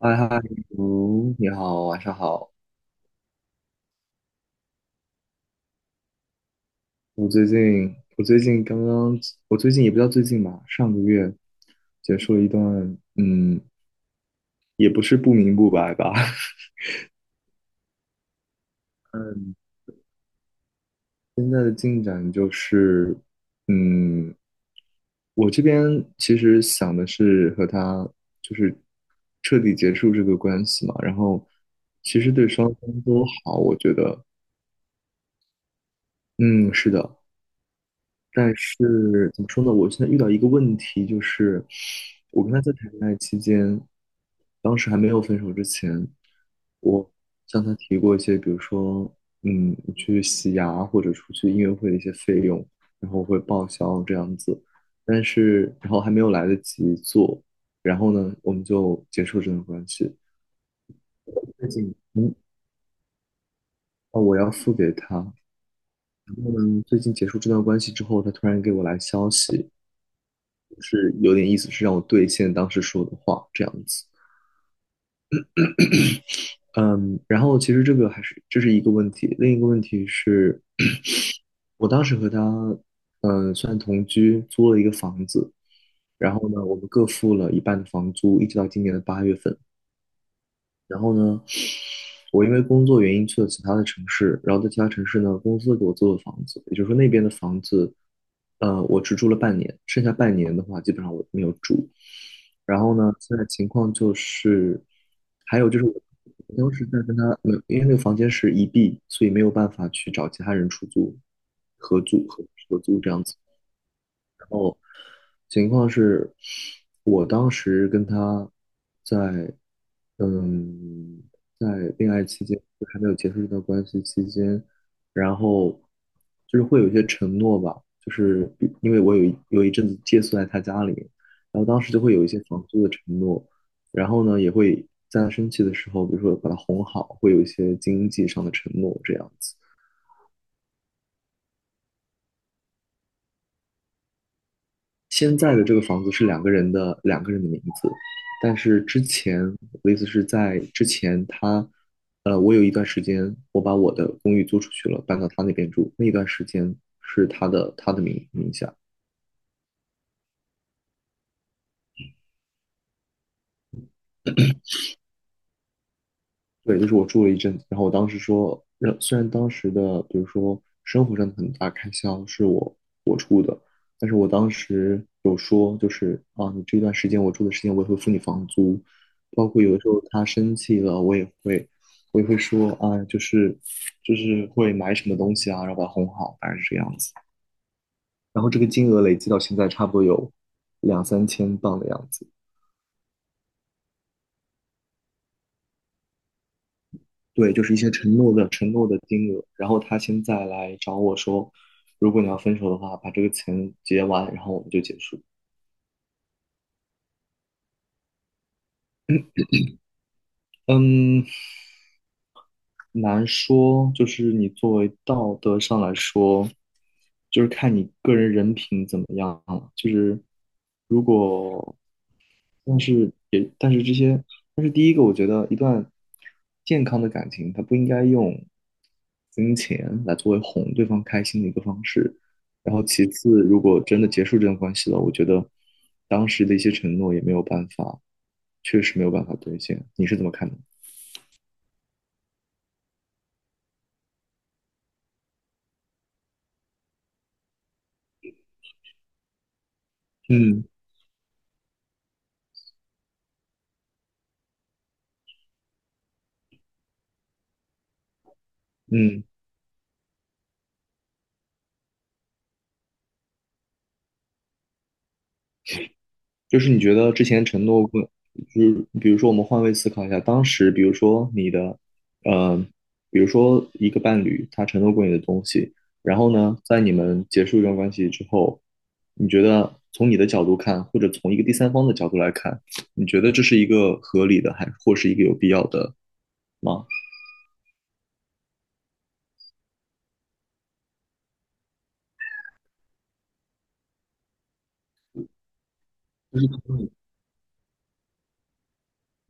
嗨嗨，你好，晚上好。我最近，我最近刚刚，我最近也不叫最近吧，上个月结束了一段，嗯，也不是不明不白吧，嗯，现在的进展就是，嗯，我这边其实想的是和他就是彻底结束这个关系嘛，然后其实对双方都好，我觉得。嗯，是的。但是怎么说呢？我现在遇到一个问题，就是我跟他在谈恋爱期间，当时还没有分手之前，我向他提过一些，比如说，去洗牙或者出去音乐会的一些费用，然后我会报销这样子。但是，然后还没有来得及做，然后呢，我们就结束这段关系。最近，嗯，哦，我要付给他。然后呢，最近结束这段关系之后，他突然给我来消息。就是有点意思，是让我兑现当时说的话这样子。嗯，然后其实这个还是这是一个问题，另一个问题是，我当时和他算同居，租了一个房子，然后呢，我们各付了一半的房租，一直到今年的8月份。然后呢，我因为工作原因去了其他的城市，然后在其他城市呢，公司给我租了房子，也就是说那边的房子，我只住了半年，剩下半年的话，基本上我没有住。然后呢，现在情况就是，还有就是我当时在跟他，没有。因为那个房间是1B，所以没有办法去找其他人出租、合租、合租这样子。情况是，我当时跟他在，嗯，在恋爱期间，就还没有结束这段关系期间，然后就是会有一些承诺吧，就是因为我有一阵子借宿在他家里，然后当时就会有一些房租的承诺，然后呢，也会在他生气的时候，比如说把他哄好，会有一些经济上的承诺这样子。现在的这个房子是两个人的名字，但是之前我的意思是在之前我有一段时间我把我的公寓租出去了，搬到他那边住，那一段时间是他的名下，对，就是我住了一阵子，然后我当时说，虽然当时的比如说生活上的很大开销是我出的，但是我当时有说，就是啊，你这段时间我住的时间我也会付你房租，包括有的时候他生气了，我也会说啊，就是会买什么东西啊，然后把他哄好，大概是这个样子。然后这个金额累计到现在差不多有两三千镑的样子。对，就是一些承诺的金额，然后他现在来找我说，如果你要分手的话，把这个钱结完，然后我们就结束。嗯，难说，就是你作为道德上来说，就是看你个人人品怎么样了。就是如果，但是也，但是这些，但是第一个，我觉得一段健康的感情，它不应该用金钱来作为哄对方开心的一个方式。然后其次，如果真的结束这段关系了，我觉得当时的一些承诺也没有办法，确实没有办法兑现。你是怎么看的？嗯嗯就是你觉得之前承诺过，就是比如说我们换位思考一下，当时比如说呃，比如说一个伴侣他承诺过你的东西，然后呢，在你们结束一段关系之后，你觉得从你的角度看，或者从一个第三方的角度来看，你觉得这是一个合理的，还或是一个有必要的吗？就是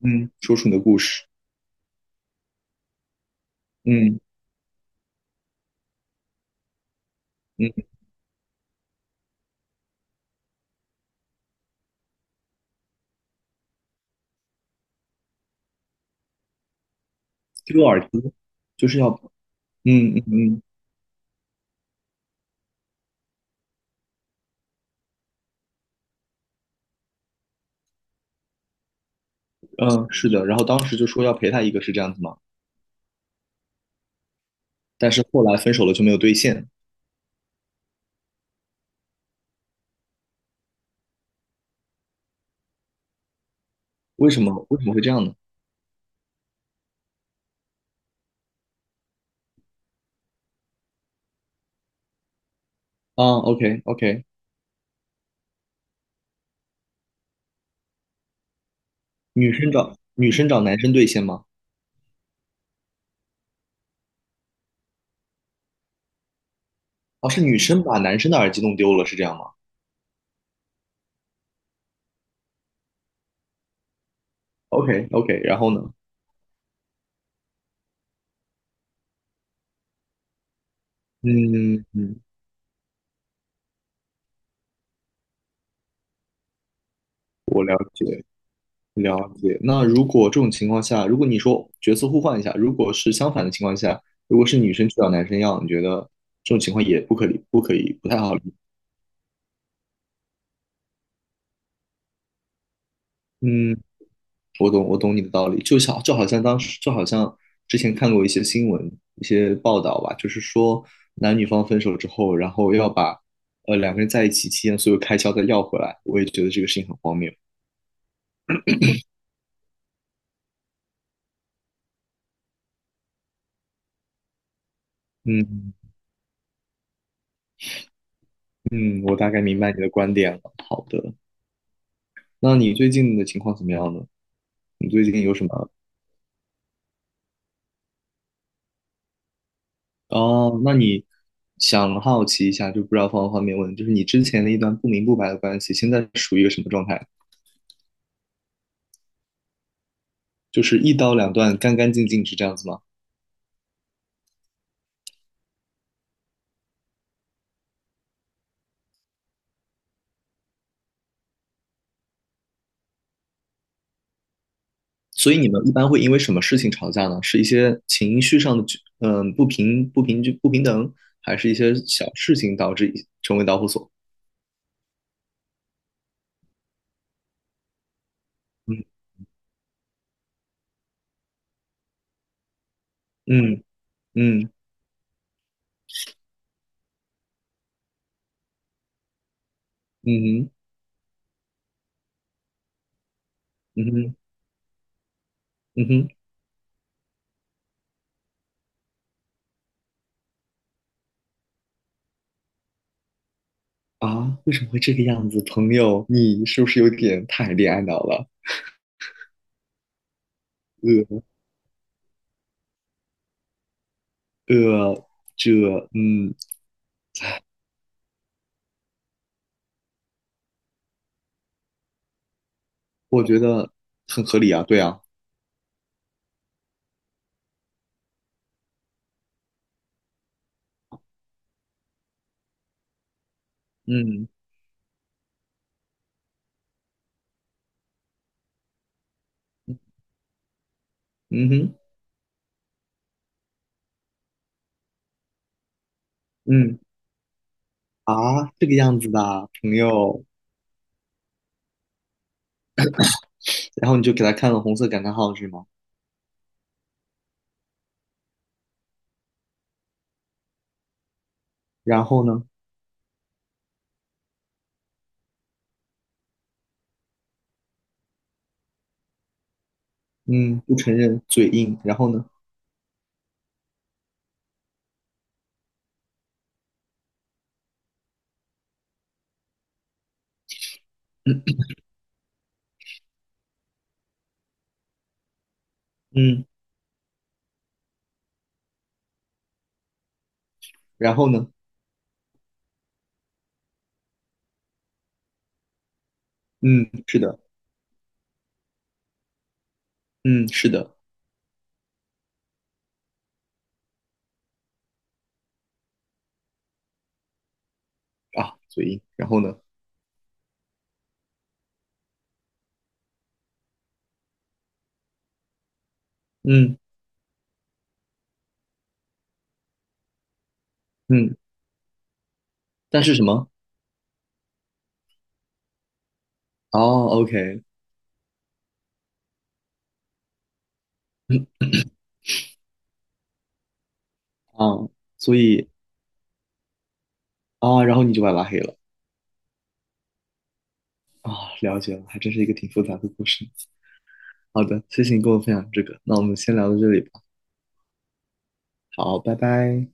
嗯，说出你的故事。嗯嗯，丢耳机就是要，嗯嗯嗯嗯，嗯，是的，然后当时就说要陪他一个，是这样子吗？但是后来分手了就没有兑现。为什么？为什么会这样呢？啊，OK OK。女生找男生兑现吗？哦，是女生把男生的耳机弄丢了，是这样吗？OK OK，然后呢？嗯嗯，我了解了解。那如果这种情况下，如果你说角色互换一下，如果是相反的情况下，如果是女生去找男生要，你觉得这种情况也不可理，不可以，不太好理？嗯，我懂，我懂你的道理，就像就好像当时，就好像之前看过一些新闻、一些报道吧，就是说男女方分手之后，然后要把两个人在一起期间所有开销再要回来，我也觉得这个事情很荒谬。嗯嗯，我大概明白你的观点了。好的，那你最近的情况怎么样呢？你最近有什么？哦，想好奇一下，就不知道方不方便问，就是你之前的一段不明不白的关系，现在属于一个什么状态？就是一刀两断，干干净净是这样子吗？所以你们一般会因为什么事情吵架呢？是一些情绪上的不平等，还是一些小事情导致成为导火索？嗯嗯嗯，嗯哼，嗯哼，嗯哼。啊，为什么会这个样子？朋友，你是不是有点太恋爱脑了？呃呃，这嗯，我觉得很合理啊，对啊。嗯，嗯哼，嗯。啊，这个样子的啊朋友，然后你就给他看了红色感叹号是吗？然后呢？嗯，不承认，嘴硬。然后呢？嗯嗯，然后呢？嗯，是的。嗯，是的啊。嘴硬。然后呢？嗯嗯，但是什么？哦，OK。啊，所以啊，然后你就把他拉黑了。啊，了解了，还真是一个挺复杂的故事。好的，谢谢你跟我分享这个，那我们先聊到这里吧。好，拜拜。